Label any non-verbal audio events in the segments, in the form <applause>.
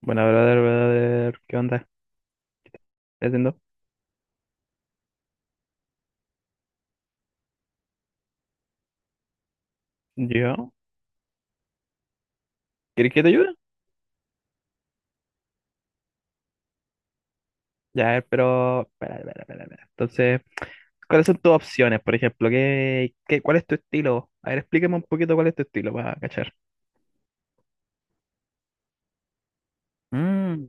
Bueno, brother, ¿qué onda? ¿Qué haciendo? ¿Yo? ¿Quieres que te ayude? Ya, pero... Espera. Entonces, ¿cuáles son tus opciones, por ejemplo? ¿ cuál es tu estilo? A ver, explícame un poquito cuál es tu estilo para cachar. Mm,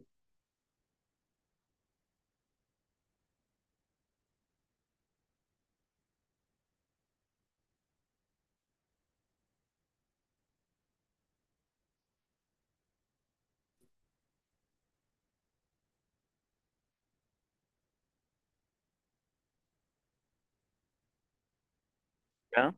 ¿ya?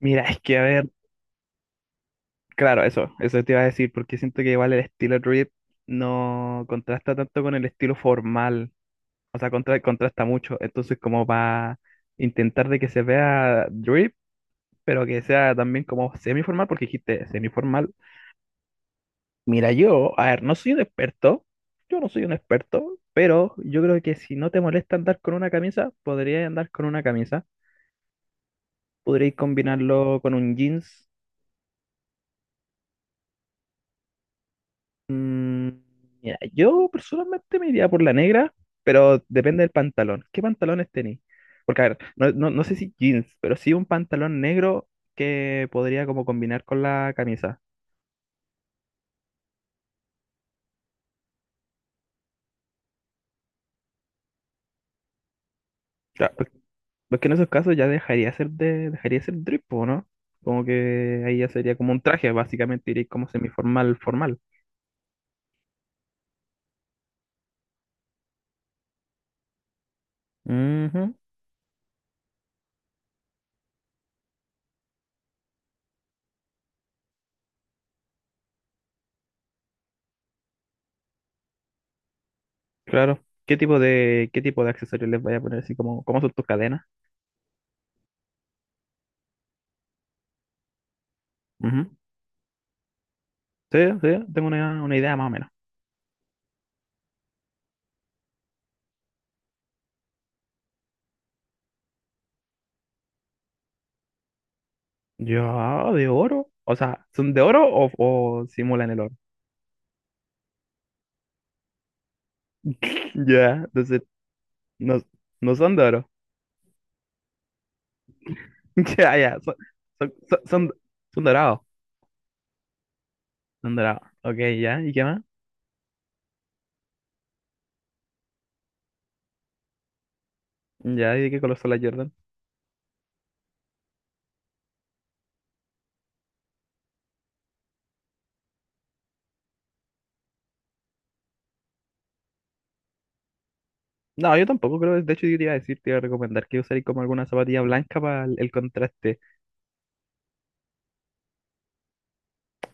Mira, es que, a ver, claro, eso te iba a decir, porque siento que igual el estilo drip no contrasta tanto con el estilo formal, o sea, contrasta mucho, entonces como para intentar de que se vea drip, pero que sea también como semiformal, porque dijiste semiformal. Mira, yo, a ver, no soy un experto, yo no soy un experto, pero yo creo que si no te molesta andar con una camisa, podrías andar con una camisa, podríais combinarlo con un jeans. Mm, mira, yo personalmente me iría por la negra, pero depende del pantalón. ¿Qué pantalones tenéis? Porque, a ver, no sé si jeans, pero sí un pantalón negro que podría como combinar con la camisa. Pues que en esos casos dejaría ser drip, po, ¿no? Como que ahí ya sería como un traje, básicamente iría como semiformal, formal. Ujú. Claro. Qué tipo de accesorios les voy a poner? Así como, ¿cómo son tus cadenas? Ujú. Sí, sí, tengo una idea más o menos. Ya, de oro. O sea, ¿son de oro o simulan el oro? <laughs> Ya, entonces, no, no son de oro. <laughs> Ya, ya, son, son, son- son dorados. Son dorados. Ok, ya, ¿y qué más? Ya, ¿y de qué color son las Jordan? No, yo tampoco creo, de hecho yo te iba a decir, te iba a recomendar que usáis como alguna zapatilla blanca para el contraste.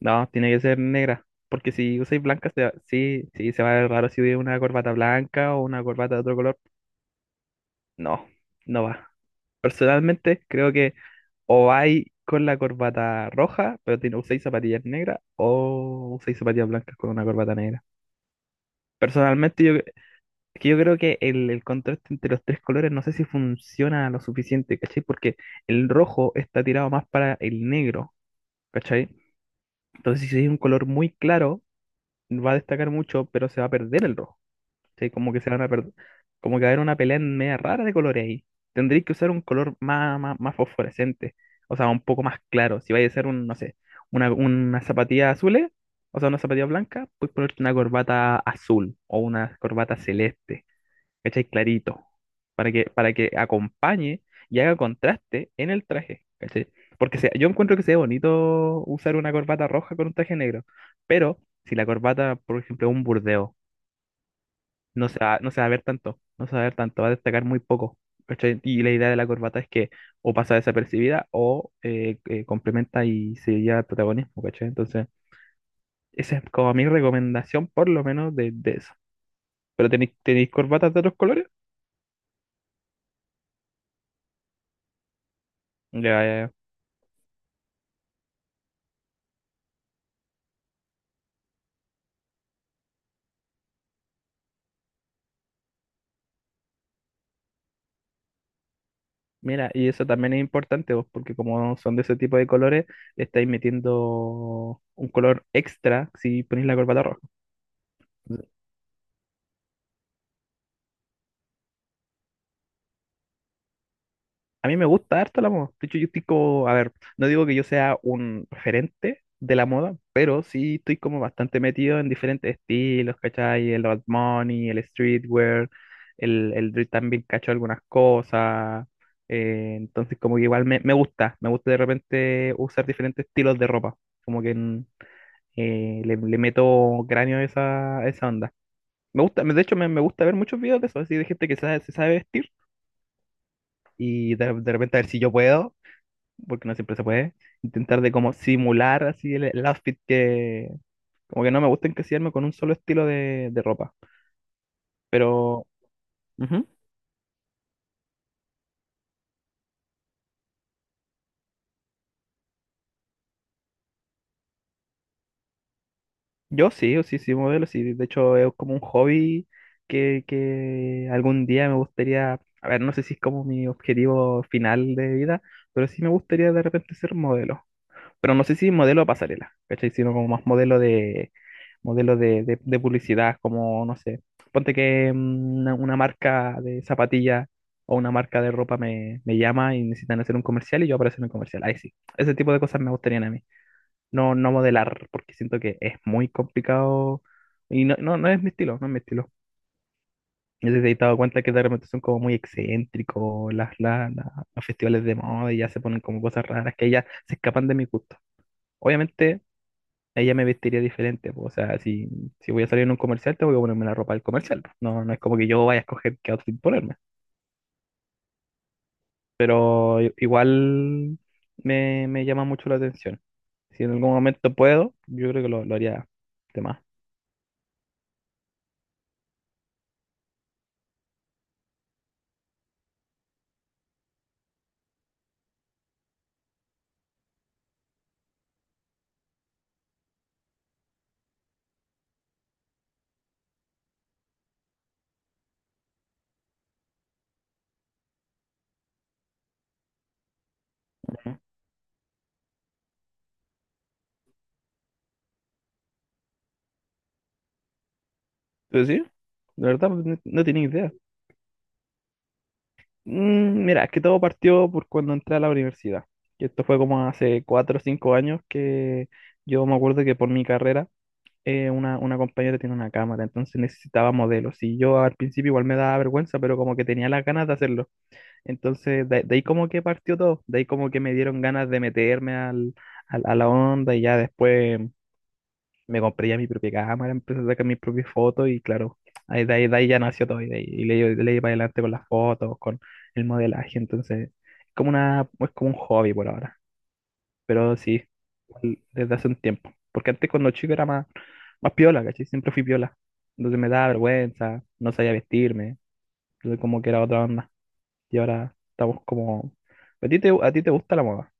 No, tiene que ser negra, porque si usáis blanca, sí, sí, se va a ver raro si hubiera una corbata blanca o una corbata de otro color. No, no va. Personalmente, creo que o vais con la corbata roja, pero tiene, usáis zapatillas negras, o usáis zapatillas blancas con una corbata negra. Personalmente, yo, es que yo creo que el contraste entre los tres colores no sé si funciona lo suficiente, ¿cachai? Porque el rojo está tirado más para el negro, ¿cachai? Entonces, si es un color muy claro, va a destacar mucho, pero se va a perder el rojo, ¿cachai? Como que se van a perder, como que va a haber una pelea en media rara de colores ahí. Tendréis que usar un color más fosforescente, o sea, un poco más claro. Si vais a hacer un, no sé, una zapatilla azul, o sea, una zapatilla blanca, puedes ponerte una corbata azul o una corbata celeste. ¿Cachai? Clarito, para que acompañe y haga contraste en el traje, ¿cachai? Porque se- yo encuentro que sea bonito usar una corbata roja con un traje negro, pero si la corbata, por ejemplo, es un burdeo, no se va a ver tanto, no se va a ver tanto, va a destacar muy poco, ¿cachai? Y la idea de la corbata es que o pasa desapercibida o complementa y se lleva el protagonismo, ¿cachai? Entonces, esa es como mi recomendación, por lo menos, de eso. ¿Pero tenéis corbatas de otros colores? Ya, ya, mira, y eso también es importante, vos, porque como son de ese tipo de colores, le estáis metiendo un color extra si ponéis la corbata roja. A mí me gusta harto la moda. De hecho, yo estoy como, a ver, no digo que yo sea un referente de la moda, pero sí estoy como bastante metido en diferentes estilos, ¿cachai? El old money, el streetwear, el drift también cacho algunas cosas. Entonces, como que igual me gusta de repente usar diferentes estilos de ropa. Como que en- le meto cráneo a a esa onda. Me gusta, de hecho, me gusta ver muchos videos de eso, así de gente que sabe- se sabe vestir y de repente a ver si yo puedo, porque no siempre se puede, intentar de como simular así el outfit que, como que no me gusta encasillarme con un solo estilo de ropa. Pero ujú, sí, modelo, sí, de hecho es como un hobby que algún día me gustaría, a ver, no sé si es como mi objetivo final de vida, pero sí me gustaría de repente ser modelo. Pero no sé si modelo de pasarela, ¿cachai? Sino como más modelo de, de publicidad, como, no sé, ponte que mm, una marca de zapatillas o una marca de ropa me llama y necesitan hacer un comercial y yo aparezco en el comercial. Ahí sí, ese tipo de cosas me gustarían a mí. No, no modelar, porque siento que es muy complicado y no es mi estilo, no es mi estilo. Yo sí me he dado cuenta que de repente son como muy excéntricos los festivales de moda y ya se ponen como cosas raras que ya se escapan de mi gusto. Obviamente ella me vestiría diferente, pues, o sea, si voy a salir en un comercial, tengo que ponerme la ropa del comercial, pues. No, no es como que yo vaya a escoger qué outfit ponerme, pero igual me llama mucho la atención. Si en algún momento puedo, yo creo que lo haría de más. Ujú. Pero sí, de verdad, pues, no, no tenía idea. Mm, mira, es que todo partió por cuando entré a la universidad, y esto fue como hace cuatro o cinco años que yo me acuerdo que por mi carrera una compañera tiene una cámara, entonces necesitaba modelos. Y yo al principio igual me daba vergüenza, pero como que tenía las ganas de hacerlo. Entonces de ahí como que partió todo, de ahí como que me dieron ganas de meterme a la onda y ya después me compré ya mi propia cámara, empecé a sacar mis propias fotos y claro, de ahí ya nació todo y, de ahí, y le di para adelante con las fotos, con el modelaje. Entonces es como una, es como un hobby por ahora. Pero sí, igual desde hace un tiempo. Porque antes cuando chico era más piola, ¿cachai? Siempre fui piola. Entonces me daba vergüenza, no sabía vestirme. Entonces como que era otra onda. Y ahora estamos como... ¿A ti a ti te gusta la moda?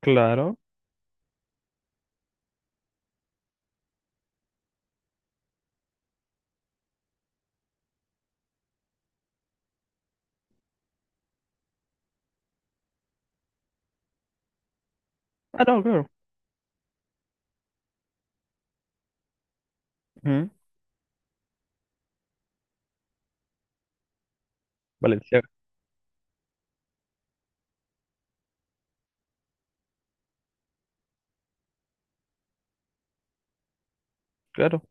Claro. Ah, no, claro. Ujú. Valenciaga, claro.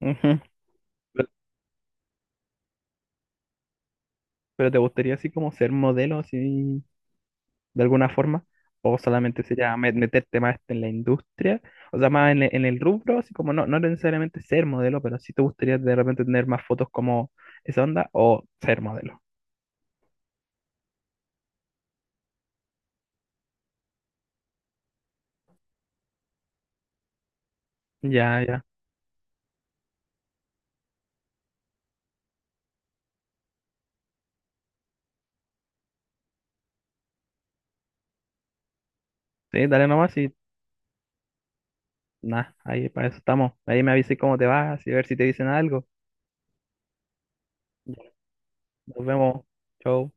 Ujú. Pero, pero te gustaría así como ser modelo, así... ¿de alguna forma? ¿O solamente sería meterte más en la industria? O sea, más en en el rubro, así como no, no necesariamente ser modelo, pero si te gustaría de repente tener más fotos como esa onda o ser modelo. Ya, ya. Sí, dale nomás y nada, ahí para eso estamos. Ahí me avisas cómo te vas y ver si te dicen algo. Ya, nos vemos. Chau.